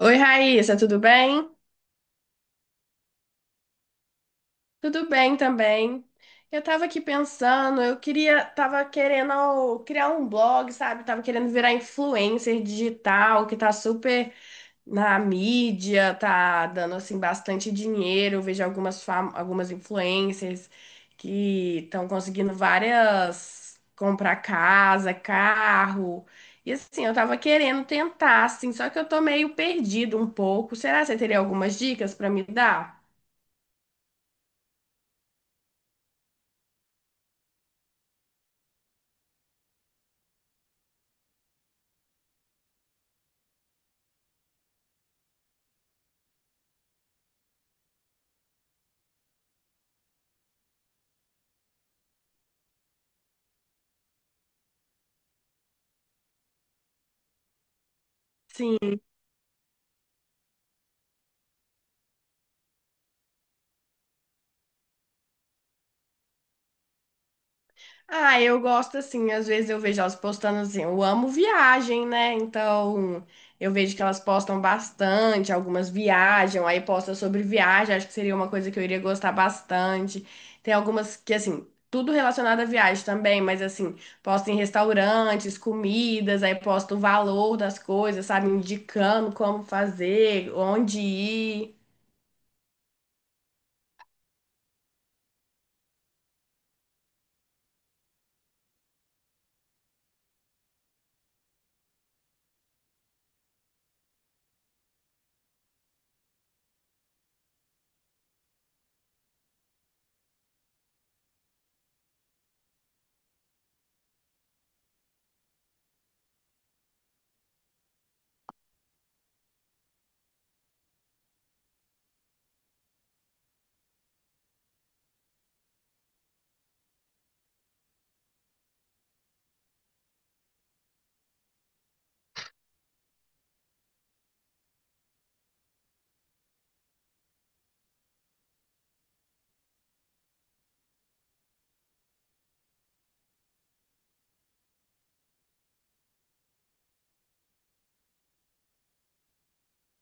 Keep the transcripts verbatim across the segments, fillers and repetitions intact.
Oi, Raíssa, tudo bem? Tudo bem também. Eu tava aqui pensando, eu queria, tava querendo criar um blog, sabe? Tava querendo virar influencer digital, que tá super na mídia, tá dando assim bastante dinheiro. Eu vejo algumas fam- algumas influencers que estão conseguindo várias comprar casa, carro. E assim, eu tava querendo tentar, assim, só que eu tô meio perdido um pouco. Será que você teria algumas dicas pra me dar? Sim. Ah, eu gosto assim, às vezes eu vejo elas postando assim, eu amo viagem, né? Então, eu vejo que elas postam bastante, algumas viajam, aí posta sobre viagem, acho que seria uma coisa que eu iria gostar bastante. Tem algumas que assim, tudo relacionado à viagem também, mas assim, posta em restaurantes, comidas, aí posta o valor das coisas, sabe, indicando como fazer, onde ir.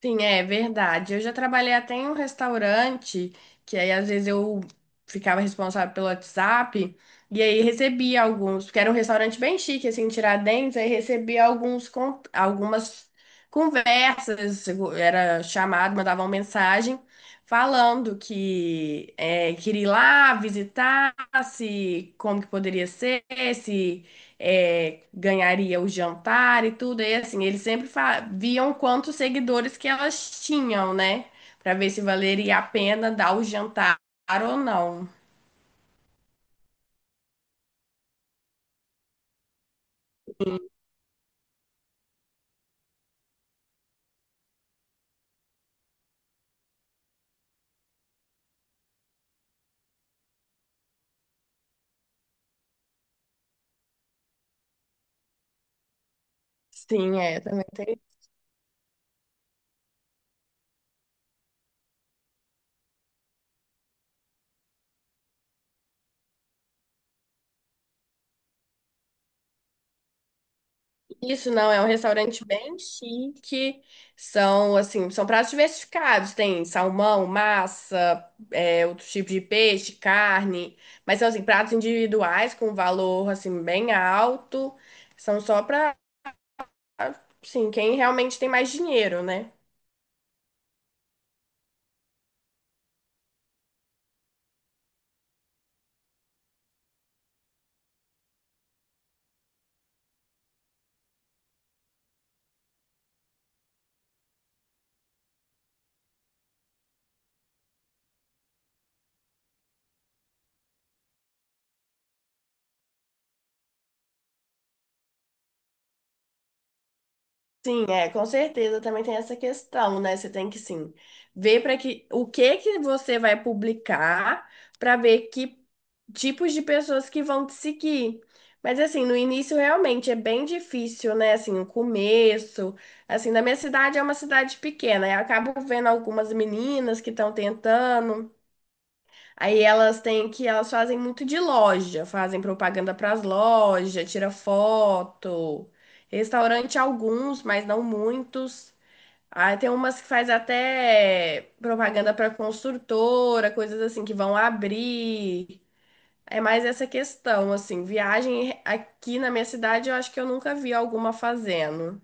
Sim, é verdade. Eu já trabalhei até em um restaurante, que aí às vezes eu ficava responsável pelo WhatsApp, e aí recebia alguns, porque era um restaurante bem chique, assim, em Tiradentes, aí recebia alguns, con- algumas conversas, era chamado, mandava uma mensagem falando que é, queria ir lá visitar, se como que poderia ser, se é, ganharia o jantar e tudo. E assim, eles sempre fa- viam quantos seguidores que elas tinham, né? Pra ver se valeria a pena dar o jantar ou não. Sim, é, também tem. Isso não, é um restaurante bem chique. São, assim, são pratos diversificados. Tem salmão, massa, é, outro tipo de peixe, carne. Mas são, assim, pratos individuais com valor, assim, bem alto. São só para Ah, sim, quem realmente tem mais dinheiro, né? Sim, é, com certeza também tem essa questão, né? Você tem que sim ver para que o que que você vai publicar para ver que tipos de pessoas que vão te seguir. Mas assim, no início realmente é bem difícil, né? Assim, o começo, assim, na minha cidade é uma cidade pequena, eu acabo vendo algumas meninas que estão tentando, aí elas têm que, elas fazem muito de loja, fazem propaganda para as lojas, tira foto. Restaurante alguns, mas não muitos. Aí tem umas que faz até propaganda para construtora, coisas assim que vão abrir. É mais essa questão, assim, viagem aqui na minha cidade, eu acho que eu nunca vi alguma fazendo.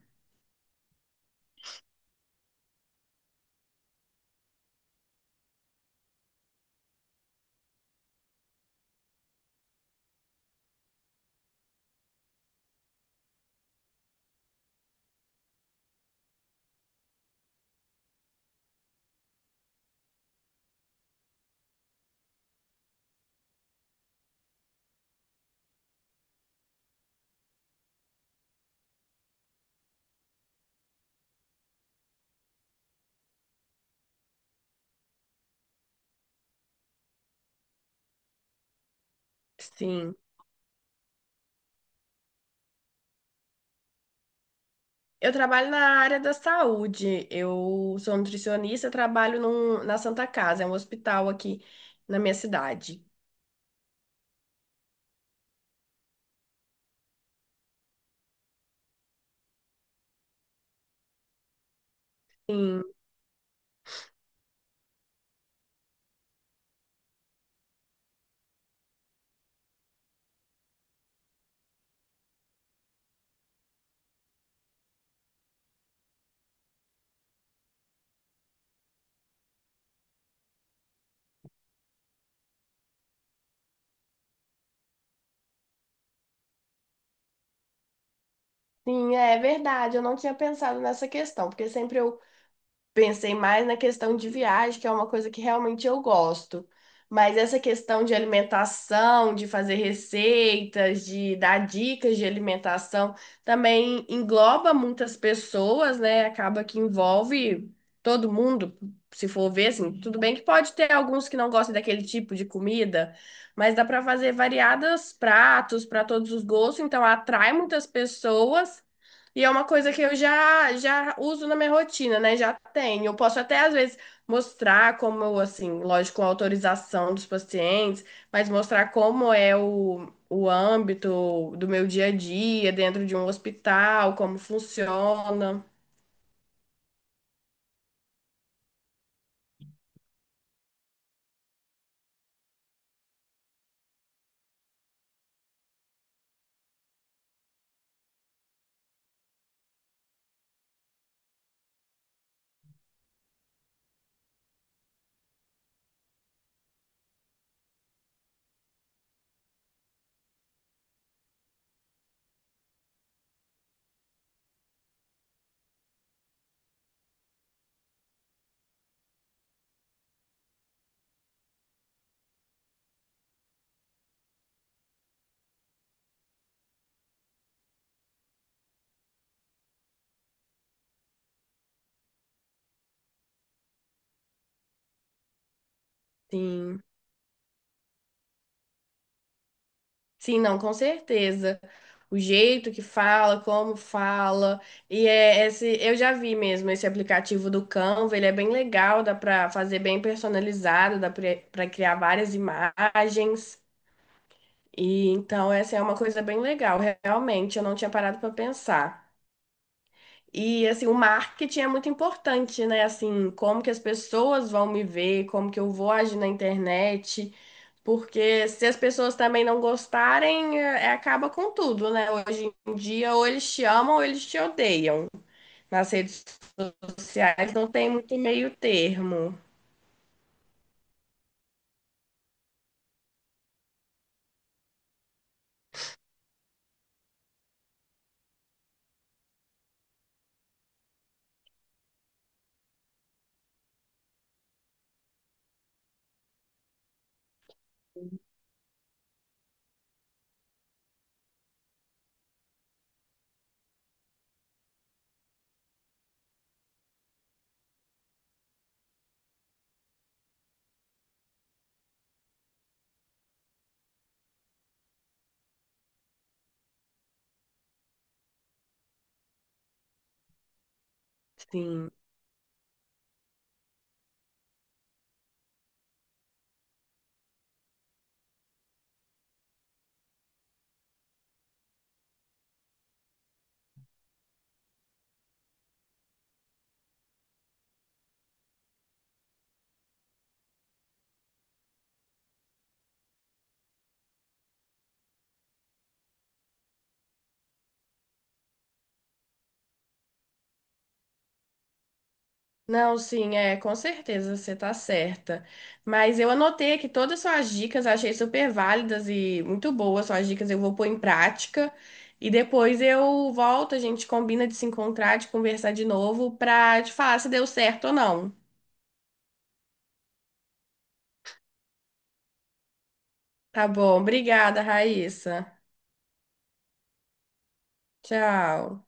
Sim. Eu trabalho na área da saúde. Eu sou nutricionista, trabalho num- na Santa Casa, é um hospital aqui na minha cidade. Sim, sim, é verdade. Eu não tinha pensado nessa questão, porque sempre eu pensei mais na questão de viagem, que é uma coisa que realmente eu gosto. Mas essa questão de alimentação, de fazer receitas, de dar dicas de alimentação, também engloba muitas pessoas, né? Acaba que envolve todo mundo, se for ver, assim, tudo bem que pode ter alguns que não gostem daquele tipo de comida, mas dá para fazer variados pratos para todos os gostos, então atrai muitas pessoas. E é uma coisa que eu já já uso na minha rotina, né? Já tenho. Eu posso até às vezes mostrar como, eu, assim, lógico, com autorização dos pacientes, mas mostrar como é o, o âmbito do meu dia a dia dentro de um hospital, como funciona. Sim. Sim, não, com certeza. O jeito que fala, como fala. E é esse, eu já vi mesmo esse aplicativo do Canva, ele é bem legal, dá para fazer bem personalizado, dá para criar várias imagens. E então essa é uma coisa bem legal, realmente, eu não tinha parado para pensar. E assim, o marketing é muito importante, né? Assim, como que as pessoas vão me ver, como que eu vou agir na internet, porque se as pessoas também não gostarem, é, é, acaba com tudo, né? Hoje em dia, ou eles te amam ou eles te odeiam. Nas redes sociais não tem muito meio termo. Sim. Não, sim, é, com certeza você tá certa. Mas eu anotei aqui todas as suas dicas, achei super válidas e muito boas suas dicas, eu vou pôr em prática e depois eu volto, a gente combina de se encontrar, de conversar de novo pra te falar se deu certo ou não. Tá bom, obrigada, Raíssa. Tchau.